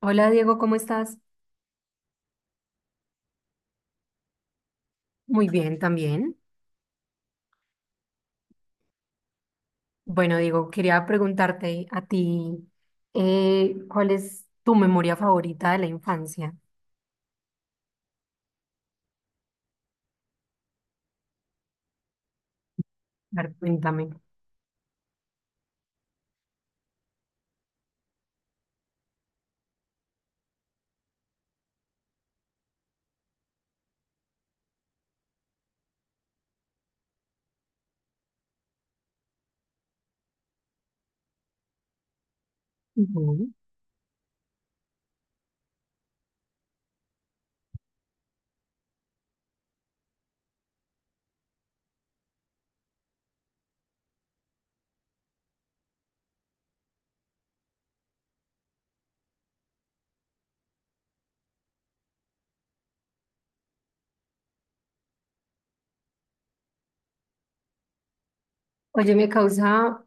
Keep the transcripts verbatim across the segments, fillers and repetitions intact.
Hola Diego, ¿cómo estás? Muy bien también. Bueno, Diego, quería preguntarte a ti, eh, ¿cuál es tu memoria favorita de la infancia? A ver, cuéntame. Ujú. Oye, me causa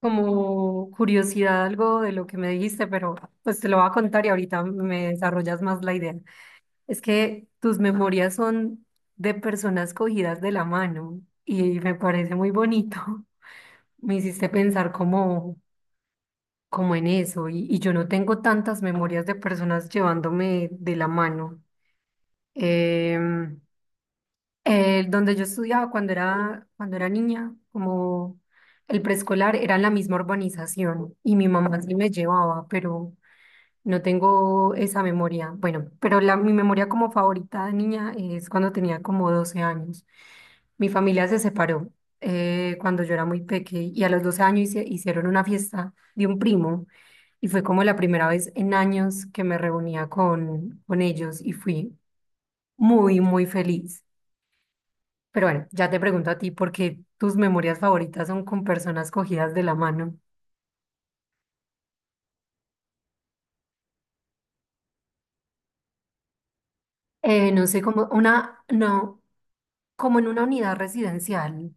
como curiosidad algo de lo que me dijiste, pero pues te lo voy a contar y ahorita me desarrollas más la idea. Es que tus memorias son de personas cogidas de la mano y me parece muy bonito. Me hiciste pensar como como en eso, y, y yo no tengo tantas memorias de personas llevándome de la mano. Em, el donde yo estudiaba cuando era, cuando era niña, como el preescolar, era en la misma urbanización y mi mamá sí me llevaba, pero no tengo esa memoria. Bueno, pero la, mi memoria como favorita de niña es cuando tenía como doce años. Mi familia se separó eh, cuando yo era muy pequeña y a los doce años hice- hicieron una fiesta de un primo y fue como la primera vez en años que me reunía con, con ellos y fui muy, muy feliz. Pero bueno, ya te pregunto a ti porque tus memorias favoritas son con personas cogidas de la mano. Eh, no sé, como una, no, como en una unidad residencial.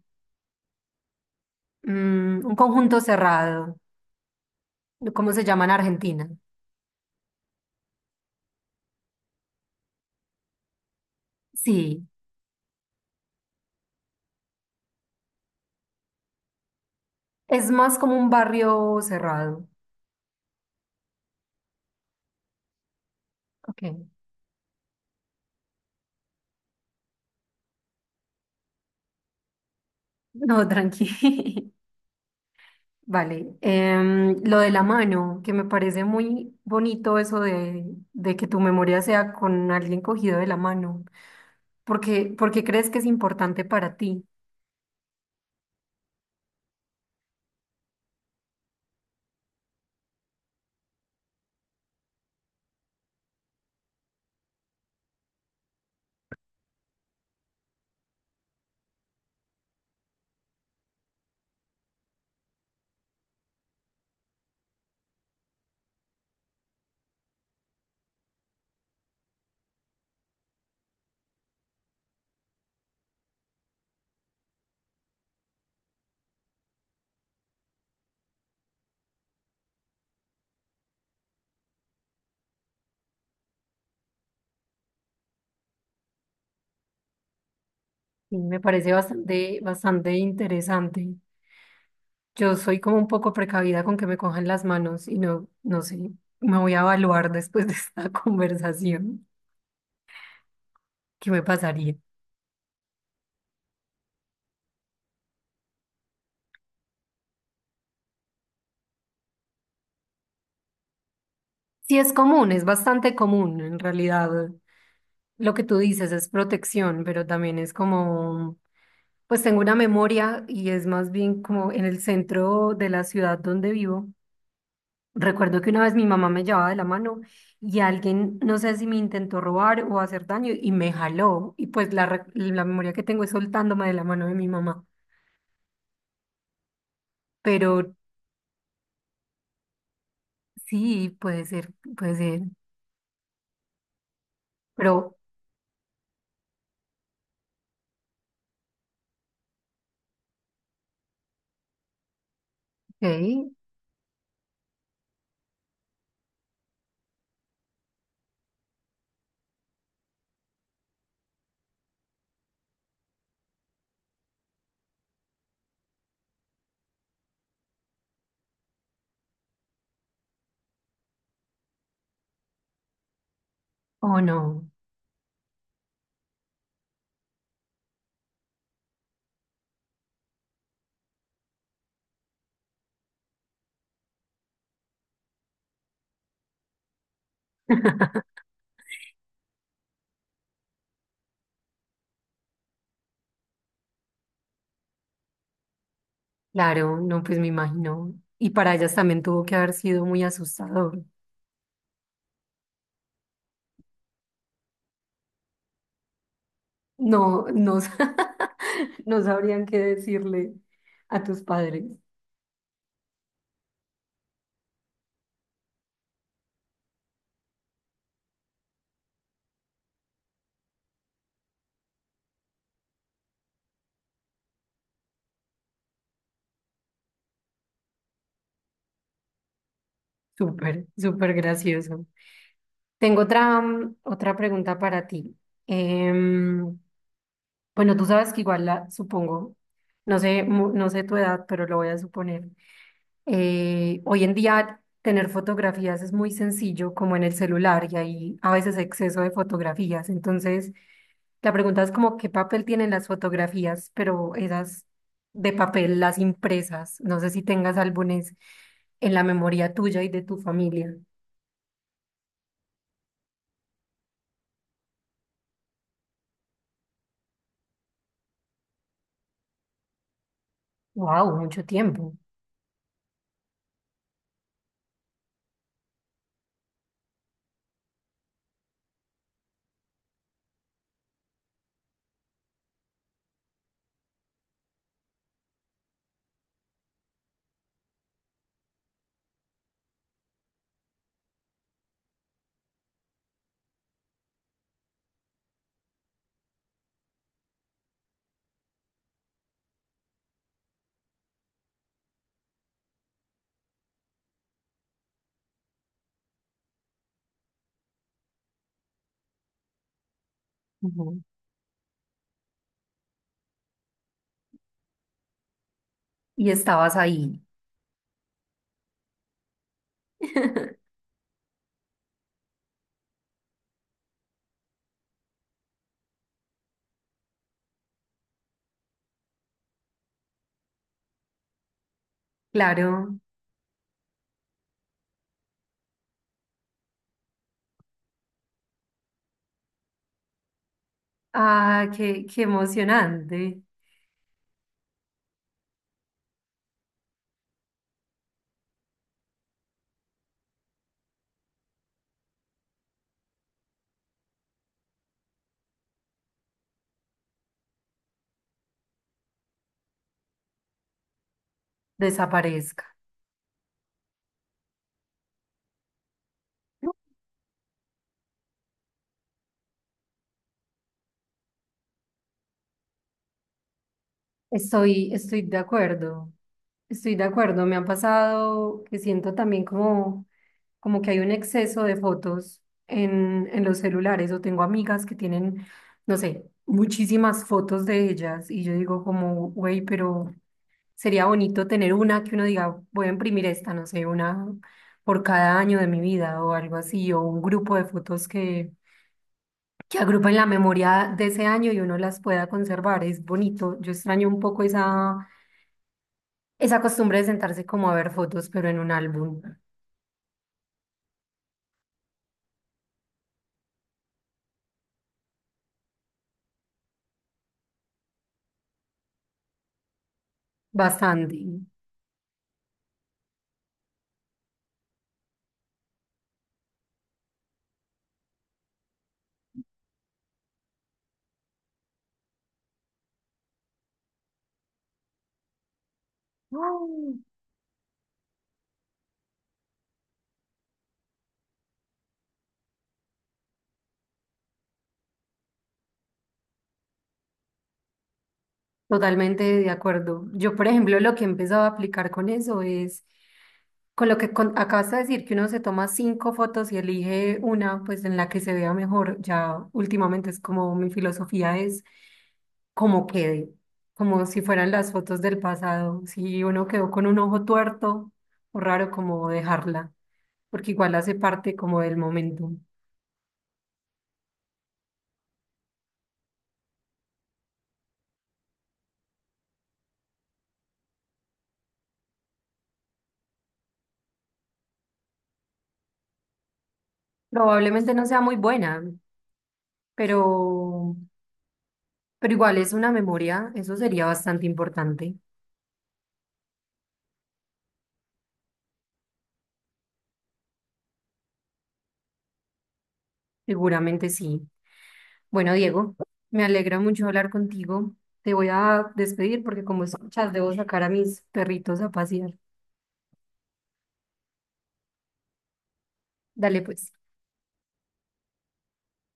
Mm, un conjunto cerrado. ¿Cómo se llama en Argentina? Sí, es más como un barrio cerrado. Ok, no, tranqui. Vale, em, lo de la mano, que me parece muy bonito eso de, de que tu memoria sea con alguien cogido de la mano. porque porque crees que es importante para ti? Sí, me parece bastante, bastante interesante. Yo soy como un poco precavida con que me cojan las manos y no, no sé, me voy a evaluar después de esta conversación. ¿Qué me pasaría? Sí, es común, es bastante común en realidad. Lo que tú dices es protección, pero también es como, pues tengo una memoria y es más bien como en el centro de la ciudad donde vivo. Recuerdo que una vez mi mamá me llevaba de la mano y alguien, no sé si me intentó robar o hacer daño y me jaló. Y pues la, re- la memoria que tengo es soltándome de la mano de mi mamá. Pero sí, puede ser, puede ser. Pero, ¿ok? ¿O no? Claro, no, pues me imagino. Y para ellas también tuvo que haber sido muy asustador. No, no, sa- no sabrían qué decirle a tus padres. Súper, súper gracioso. Tengo otra, mm, otra pregunta para ti. Em, bueno, tú sabes que igual la supongo, no sé, mu- no sé tu edad, pero lo voy a suponer. Eh, hoy en día tener fotografías es muy sencillo, como en el celular, y hay a veces exceso de fotografías. Entonces, la pregunta es como qué papel tienen las fotografías, pero esas de papel, las impresas. No sé si tengas álbumes en la memoria tuya y de tu familia. Wow, mucho tiempo. Ujú. Y estabas ahí. Claro. Ah, qué, qué emocionante. Desaparezca. Estoy, estoy de acuerdo. Estoy de acuerdo. Me ha pasado que siento también como, como que hay un exceso de fotos en, en los celulares. O tengo amigas que tienen, no sé, muchísimas fotos de ellas. Y yo digo como, güey, pero sería bonito tener una que uno diga, voy a imprimir esta, no sé, una por cada año de mi vida o algo así, o un grupo de fotos que, que agrupen la memoria de ese año y uno las pueda conservar. Es bonito. Yo extraño un poco esa, esa costumbre de sentarse como a ver fotos, pero en un álbum. Bastante. Totalmente de acuerdo. Yo, por ejemplo, lo que he empezado a aplicar con eso es, con lo que con- acabas de decir, que uno se toma cinco fotos y elige una, pues en la que se vea mejor. Ya últimamente es como mi filosofía es como quede, como si fueran las fotos del pasado. Si uno quedó con un ojo tuerto o raro, como dejarla, porque igual hace parte como del momento. Probablemente no sea muy buena, pero... Pero igual es una memoria, eso sería bastante importante, seguramente sí. Bueno, Diego, me alegra mucho hablar contigo. Te voy a despedir porque como escuchas, debo sacar a mis perritos a pasear. Dale pues.